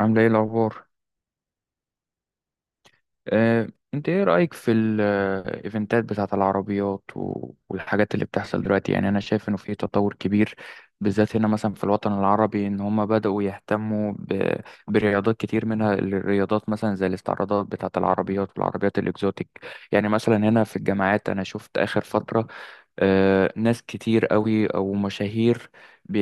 عاملة ايه الأخبار؟ آه، انت ايه رأيك في الايفنتات بتاعة العربيات والحاجات اللي بتحصل دلوقتي؟ يعني انا شايف انه في تطور كبير، بالذات هنا مثلا في الوطن العربي، ان هم بدأوا يهتموا برياضات كتير، منها الرياضات مثلا زي الاستعراضات بتاعة العربيات والعربيات الاكزوتيك. يعني مثلا هنا في الجامعات انا شفت اخر فترة، ناس كتير قوي او مشاهير، بي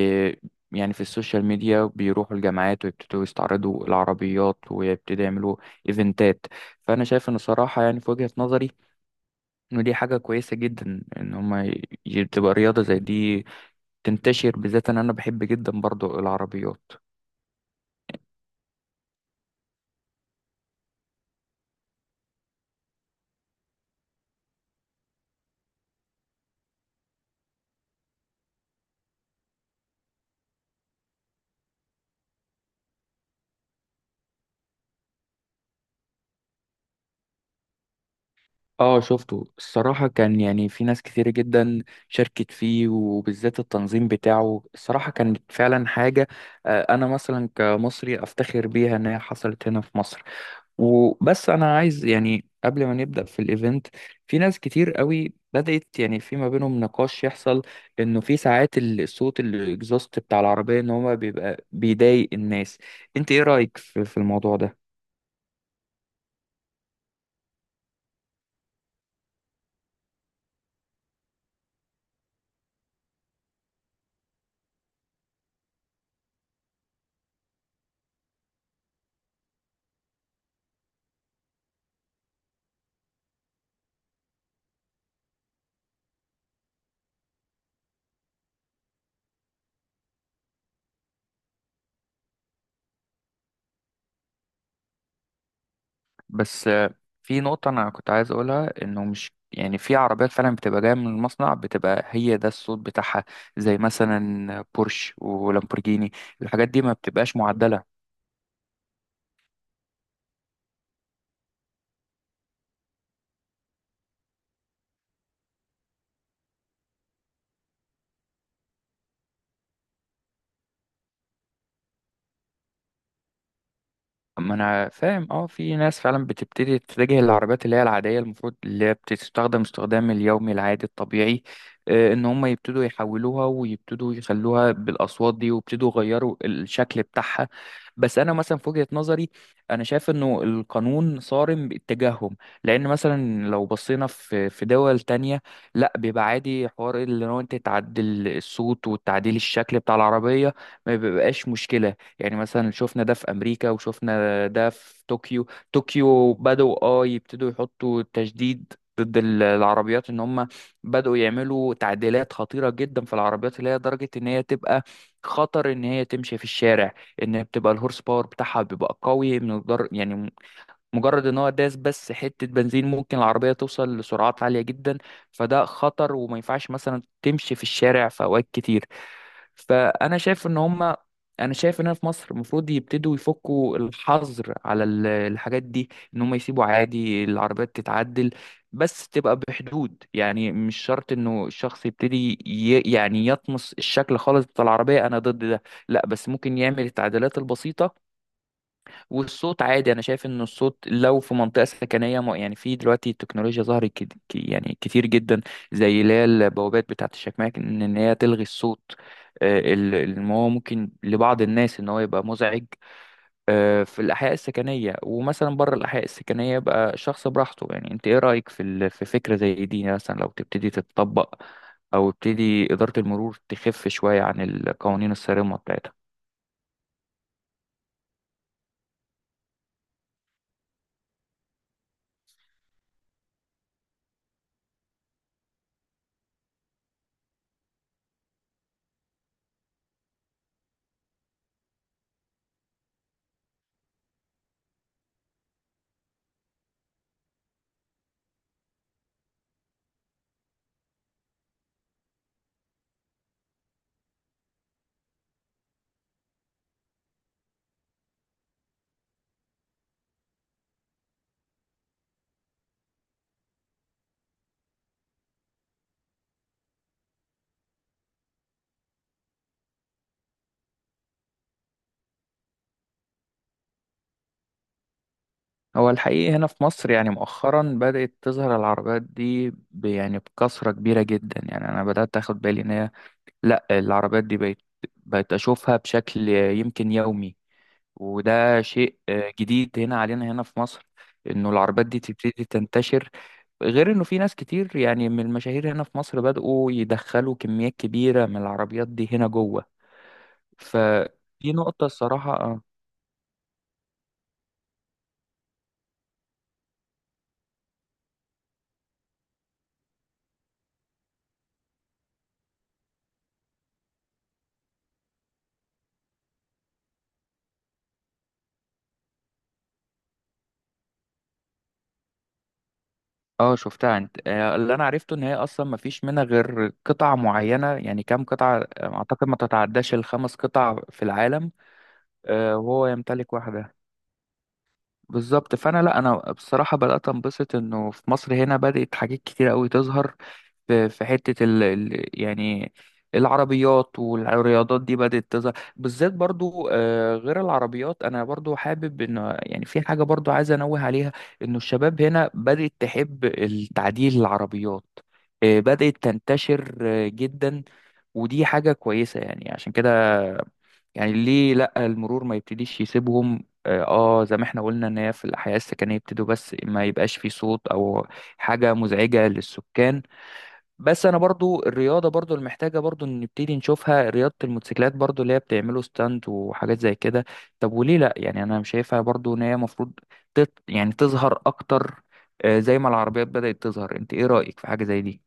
يعني في السوشيال ميديا بيروحوا الجامعات ويبتدوا يستعرضوا العربيات ويبتدوا يعملوا ايفنتات. فانا شايف ان صراحه يعني في وجهه نظري انه دي حاجه كويسه جدا ان هما تبقى رياضه زي دي تنتشر، بالذات ان انا بحب جدا برضو العربيات. اه، شفته الصراحة، كان يعني في ناس كتير جدا شاركت فيه، وبالذات التنظيم بتاعه الصراحة كانت فعلا حاجة. أنا مثلا كمصري أفتخر بيها إن هي حصلت هنا في مصر. وبس أنا عايز يعني قبل ما نبدأ في الإيفنت، في ناس كتير قوي بدأت يعني في ما بينهم نقاش يحصل إنه في ساعات الصوت الإكزوست بتاع العربية إن هو بيبقى بيضايق الناس. أنت إيه رأيك في الموضوع ده؟ بس آه، في نقطة أنا كنت عايز أقولها، إنه مش يعني في عربيات فعلا بتبقى جاية من المصنع، بتبقى هي ده الصوت بتاعها، زي مثلا بورش ولامبورجيني. الحاجات دي ما بتبقاش معدلة. ما انا فاهم، اه، في ناس فعلا بتبتدي تتجه للعربيات اللي هي العاديه، المفروض اللي هي بتستخدم استخدام اليومي العادي الطبيعي، ان هم يبتدوا يحولوها ويبتدوا يخلوها بالاصوات دي ويبتدوا يغيروا الشكل بتاعها. بس انا مثلا في وجهه نظري انا شايف انه القانون صارم باتجاههم. لان مثلا لو بصينا في دول تانية، لا بيبقى عادي حوار اللي هو انت تعدل الصوت وتعديل الشكل بتاع العربيه، ما بيبقاش مشكله. يعني مثلا شفنا ده في امريكا وشفنا ده في طوكيو. طوكيو بدأوا اه يبتدوا يحطوا تشديد ضد العربيات، ان هم بدأوا يعملوا تعديلات خطيرة جدا في العربيات، اللي هي درجة ان هي تبقى خطر ان هي تمشي في الشارع، ان هي بتبقى الهورس باور بتاعها بيبقى قوي من مجرد ان هو داس بس حتة بنزين ممكن العربية توصل لسرعات عالية جدا. فده خطر وما ينفعش مثلا تمشي في الشارع في اوقات كتير. فانا شايف ان هم، انا شايف ان هنا في مصر المفروض يبتدوا يفكوا الحظر على الحاجات دي، ان هم يسيبوا عادي العربيات تتعدل، بس تبقى بحدود. يعني مش شرط انه الشخص يبتدي يعني يطمس الشكل خالص بتاع العربية، انا ضد ده. لا بس ممكن يعمل التعديلات البسيطة والصوت عادي. انا شايف ان الصوت لو في منطقه سكنيه يعني في دلوقتي تكنولوجيا ظهرت يعني كتير جدا، زي اللي هي البوابات بتاعه الشكماء ان إن هي تلغي الصوت. ما هو ممكن لبعض الناس ان هو يبقى مزعج في الاحياء السكنيه، ومثلا بره الاحياء السكنيه يبقى شخص براحته. يعني انت ايه رايك في فكره زي دي، يعني مثلا لو تبتدي تتطبق، او تبتدي اداره المرور تخف شويه عن القوانين الصارمه بتاعتها؟ هو الحقيقي هنا في مصر يعني مؤخرا بدأت تظهر العربيات دي يعني بكثرة كبيرة جدا. يعني أنا بدأت أخد بالي إن هي، لأ العربيات دي بقت، بقت أشوفها بشكل يمكن يومي، وده شيء جديد هنا علينا هنا في مصر، إنه العربيات دي تبتدي تنتشر. غير إنه في ناس كتير يعني من المشاهير هنا في مصر بدأوا يدخلوا كميات كبيرة من العربيات دي هنا جوه. ف دي نقطة الصراحة. اه شفتها انت، اللي انا عرفته ان هي اصلا ما فيش منها غير قطع معينه، يعني كام قطعه، اعتقد ما تتعداش الخمس قطع في العالم. وهو يمتلك واحده بالظبط. فانا، لا، انا بصراحه بدات انبسط انه في مصر هنا بدات حاجات كتير قوي تظهر. في حته يعني العربيات والرياضات دي بدات تظهر، بالذات برضو، غير العربيات انا برضو حابب ان، يعني في حاجه برضو عايز انوه عليها، انه الشباب هنا بدات تحب التعديل العربيات. بدات تنتشر جدا، ودي حاجة كويسة. يعني عشان كده يعني ليه لأ المرور ما يبتديش يسيبهم اه، زي ما احنا قلنا، ان هي في الأحياء السكنية يبتدوا، بس ما يبقاش في صوت او حاجة مزعجة للسكان. بس انا برضو الرياضة برضو المحتاجة برضو إن نبتدي نشوفها، رياضة الموتوسيكلات برضو اللي هي بتعملوا ستاند وحاجات زي كده. طب وليه لأ؟ يعني انا شايفها برضو ان هي المفروض يعني تظهر اكتر، زي ما العربيات بدأت تظهر. انت ايه رأيك في حاجة زي دي؟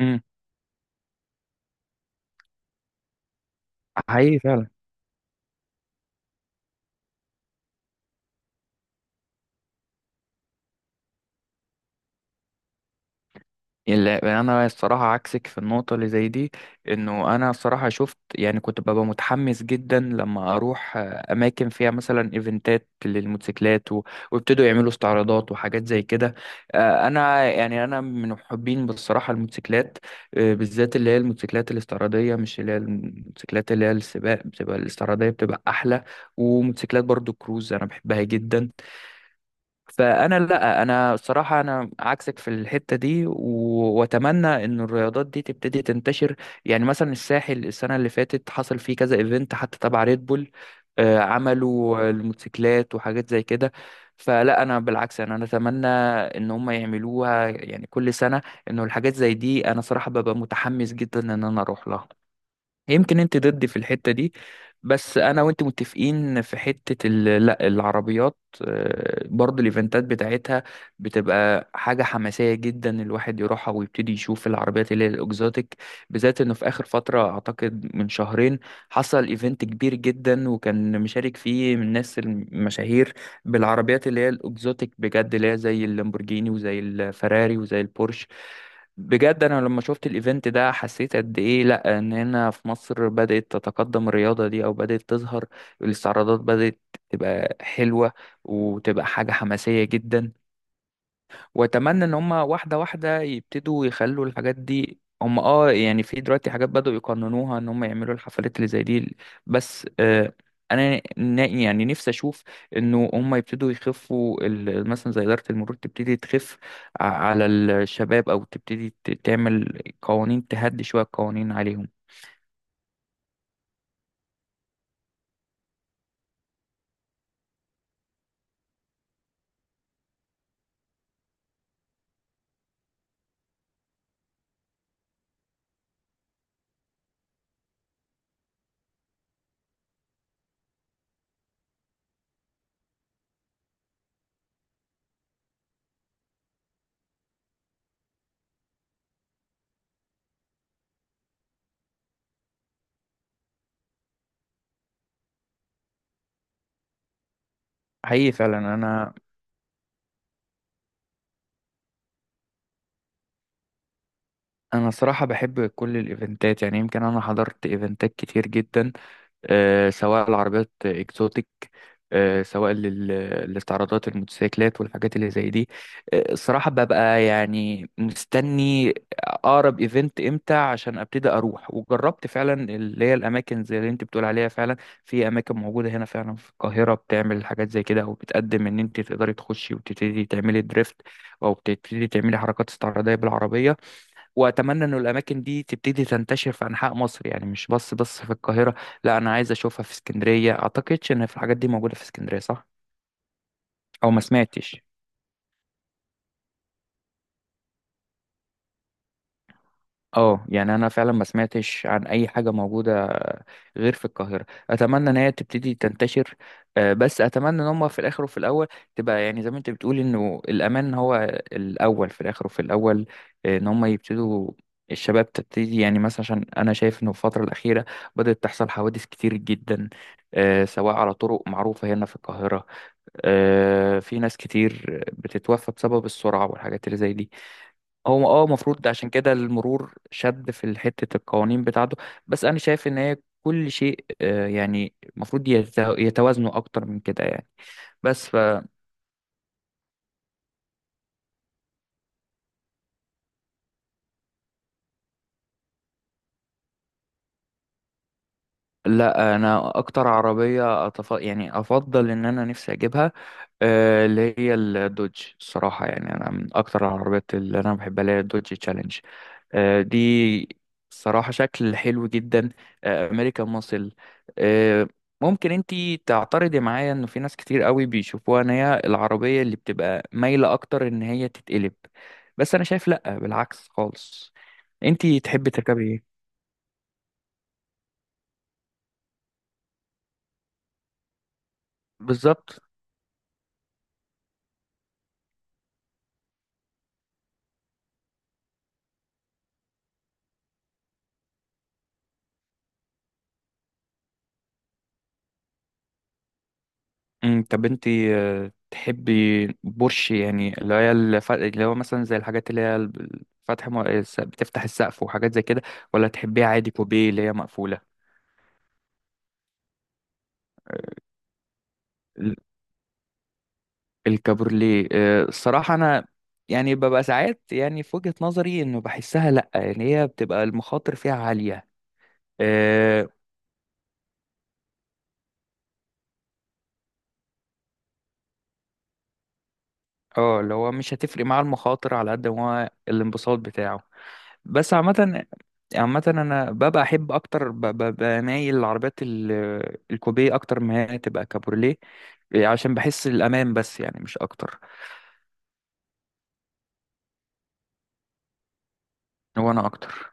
امم حقيقي فعلا. لا انا الصراحه عكسك في النقطه اللي زي دي. انه انا الصراحه شفت، يعني كنت ببقى متحمس جدا لما اروح اماكن فيها مثلا ايفنتات للموتوسيكلات ويبتدوا يعملوا استعراضات وحاجات زي كده. انا يعني انا من محبين بصراحه الموتوسيكلات، بالذات اللي هي الموتوسيكلات الاستعراضيه، مش اللي هي الموتوسيكلات اللي هي السباق، بتبقى الاستعراضيه بتبقى احلى. وموتوسيكلات برضو كروز انا بحبها جدا. فانا، لا، انا الصراحه انا عكسك في الحته دي واتمنى ان الرياضات دي تبتدي تنتشر. يعني مثلا الساحل السنه اللي فاتت حصل فيه كذا ايفنت حتى تبع ريد بول، عملوا الموتوسيكلات وحاجات زي كده. فلا انا بالعكس، أنا اتمنى ان هم يعملوها يعني كل سنه، انه الحاجات زي دي انا صراحه ببقى متحمس جدا ان انا اروح لها. يمكن انت ضدي في الحتة دي، بس انا وانت متفقين في حتة لا العربيات، برضو الايفنتات بتاعتها بتبقى حاجة حماسية جدا، الواحد يروحها ويبتدي يشوف العربيات اللي هي الاكزوتيك. بالذات انه في اخر فترة اعتقد من شهرين حصل ايفنت كبير جدا وكان مشارك فيه من الناس المشاهير، بالعربيات اللي هي الاكزوتيك بجد، اللي هي زي اللامبورجيني وزي الفراري وزي البورش. بجد انا لما شفت الايفنت ده حسيت قد ايه، لا ان هنا في مصر بدأت تتقدم الرياضة دي، او بدأت تظهر الاستعراضات، بدأت تبقى حلوة وتبقى حاجة حماسية جدا. واتمنى ان هم واحده واحده يبتدوا يخلوا الحاجات دي. هم اه يعني في دلوقتي حاجات بدأوا يقننوها، ان هم يعملوا الحفلات اللي زي دي. بس آه انا يعني نفسي اشوف انه هم يبتدوا يخفوا مثلا زي اداره المرور تبتدي تخف على الشباب، او تبتدي تعمل قوانين، تهدي شويه القوانين عليهم. حقيقي فعلا. انا صراحه بحب كل الايفنتات. يعني يمكن انا حضرت ايفنتات كتير جدا، سواء العربيات اكزوتيك، سواء الاستعراضات الموتوسيكلات والحاجات اللي زي دي. الصراحة ببقى يعني مستني أقرب إيفنت إمتى عشان أبتدي أروح. وجربت فعلا اللي هي الأماكن زي اللي أنت بتقول عليها فعلا، في أماكن موجودة هنا فعلا في القاهرة بتعمل حاجات زي كده، أو بتقدم إن أنت تقدري تخشي وتبتدي تعملي دريفت، أو بتبتدي تعملي حركات استعراضية بالعربية. واتمنى ان الاماكن دي تبتدي تنتشر في انحاء مصر، يعني مش بس في القاهره. لا انا عايز اشوفها في اسكندريه، اعتقدش ان في الحاجات دي موجوده في اسكندريه، صح؟ او ما سمعتش. اه يعني انا فعلا ما سمعتش عن اي حاجه موجوده غير في القاهره. اتمنى ان هي تبتدي تنتشر. بس اتمنى ان هم في الاخر وفي الاول تبقى، يعني زي ما انت بتقول انه الامان هو الاول، في الاخر وفي الاول. ان هم يبتدوا، الشباب تبتدي، يعني مثلا عشان انا شايف انه في الفتره الاخيره بدات تحصل حوادث كتير جدا، سواء على طرق معروفه هنا في القاهره. في ناس كتير بتتوفى بسبب السرعه والحاجات اللي زي دي. هو اه المفروض عشان كده المرور شد في حتة القوانين بتاعته. بس انا شايف ان هي كل شيء، يعني المفروض يتوازنوا اكتر من كده يعني. بس فلا. انا اكتر عربية يعني افضل ان انا نفسي اجيبها اللي هي الدوج. الصراحة يعني أنا من أكتر العربيات اللي أنا بحبها اللي هي الدوج تشالنج. دي صراحة شكل حلو جدا، أمريكان ماسل. آه، ممكن انتي تعترضي معايا انه في ناس كتير قوي بيشوفوها ان هي العربية اللي بتبقى مايلة اكتر ان هي تتقلب. بس انا شايف لأ، بالعكس خالص. انتي تحبي تركبي ايه؟ بالظبط. مم، طب انت تحبي بورش، يعني اللي هي اللي هو مثلا زي الحاجات اللي هي فتح بتفتح السقف وحاجات زي كده، ولا تحبيها عادي كوبيه اللي هي مقفولة؟ آه، ال- الكابورليه، الصراحة أنا يعني ببقى ساعات، يعني في وجهة نظري إنه بحسها لأ، يعني هي بتبقى المخاطر فيها عالية. اه، اللي هو مش هتفرق مع المخاطر على قد ما هو الانبساط بتاعه. بس عامة، عامة أنا ببقى أحب أكتر، ببقى مايل للعربيات الكوبيه أكتر ما هي تبقى كابورليه، عشان بحس الأمان، بس يعني مش أكتر. هو أنا أكتر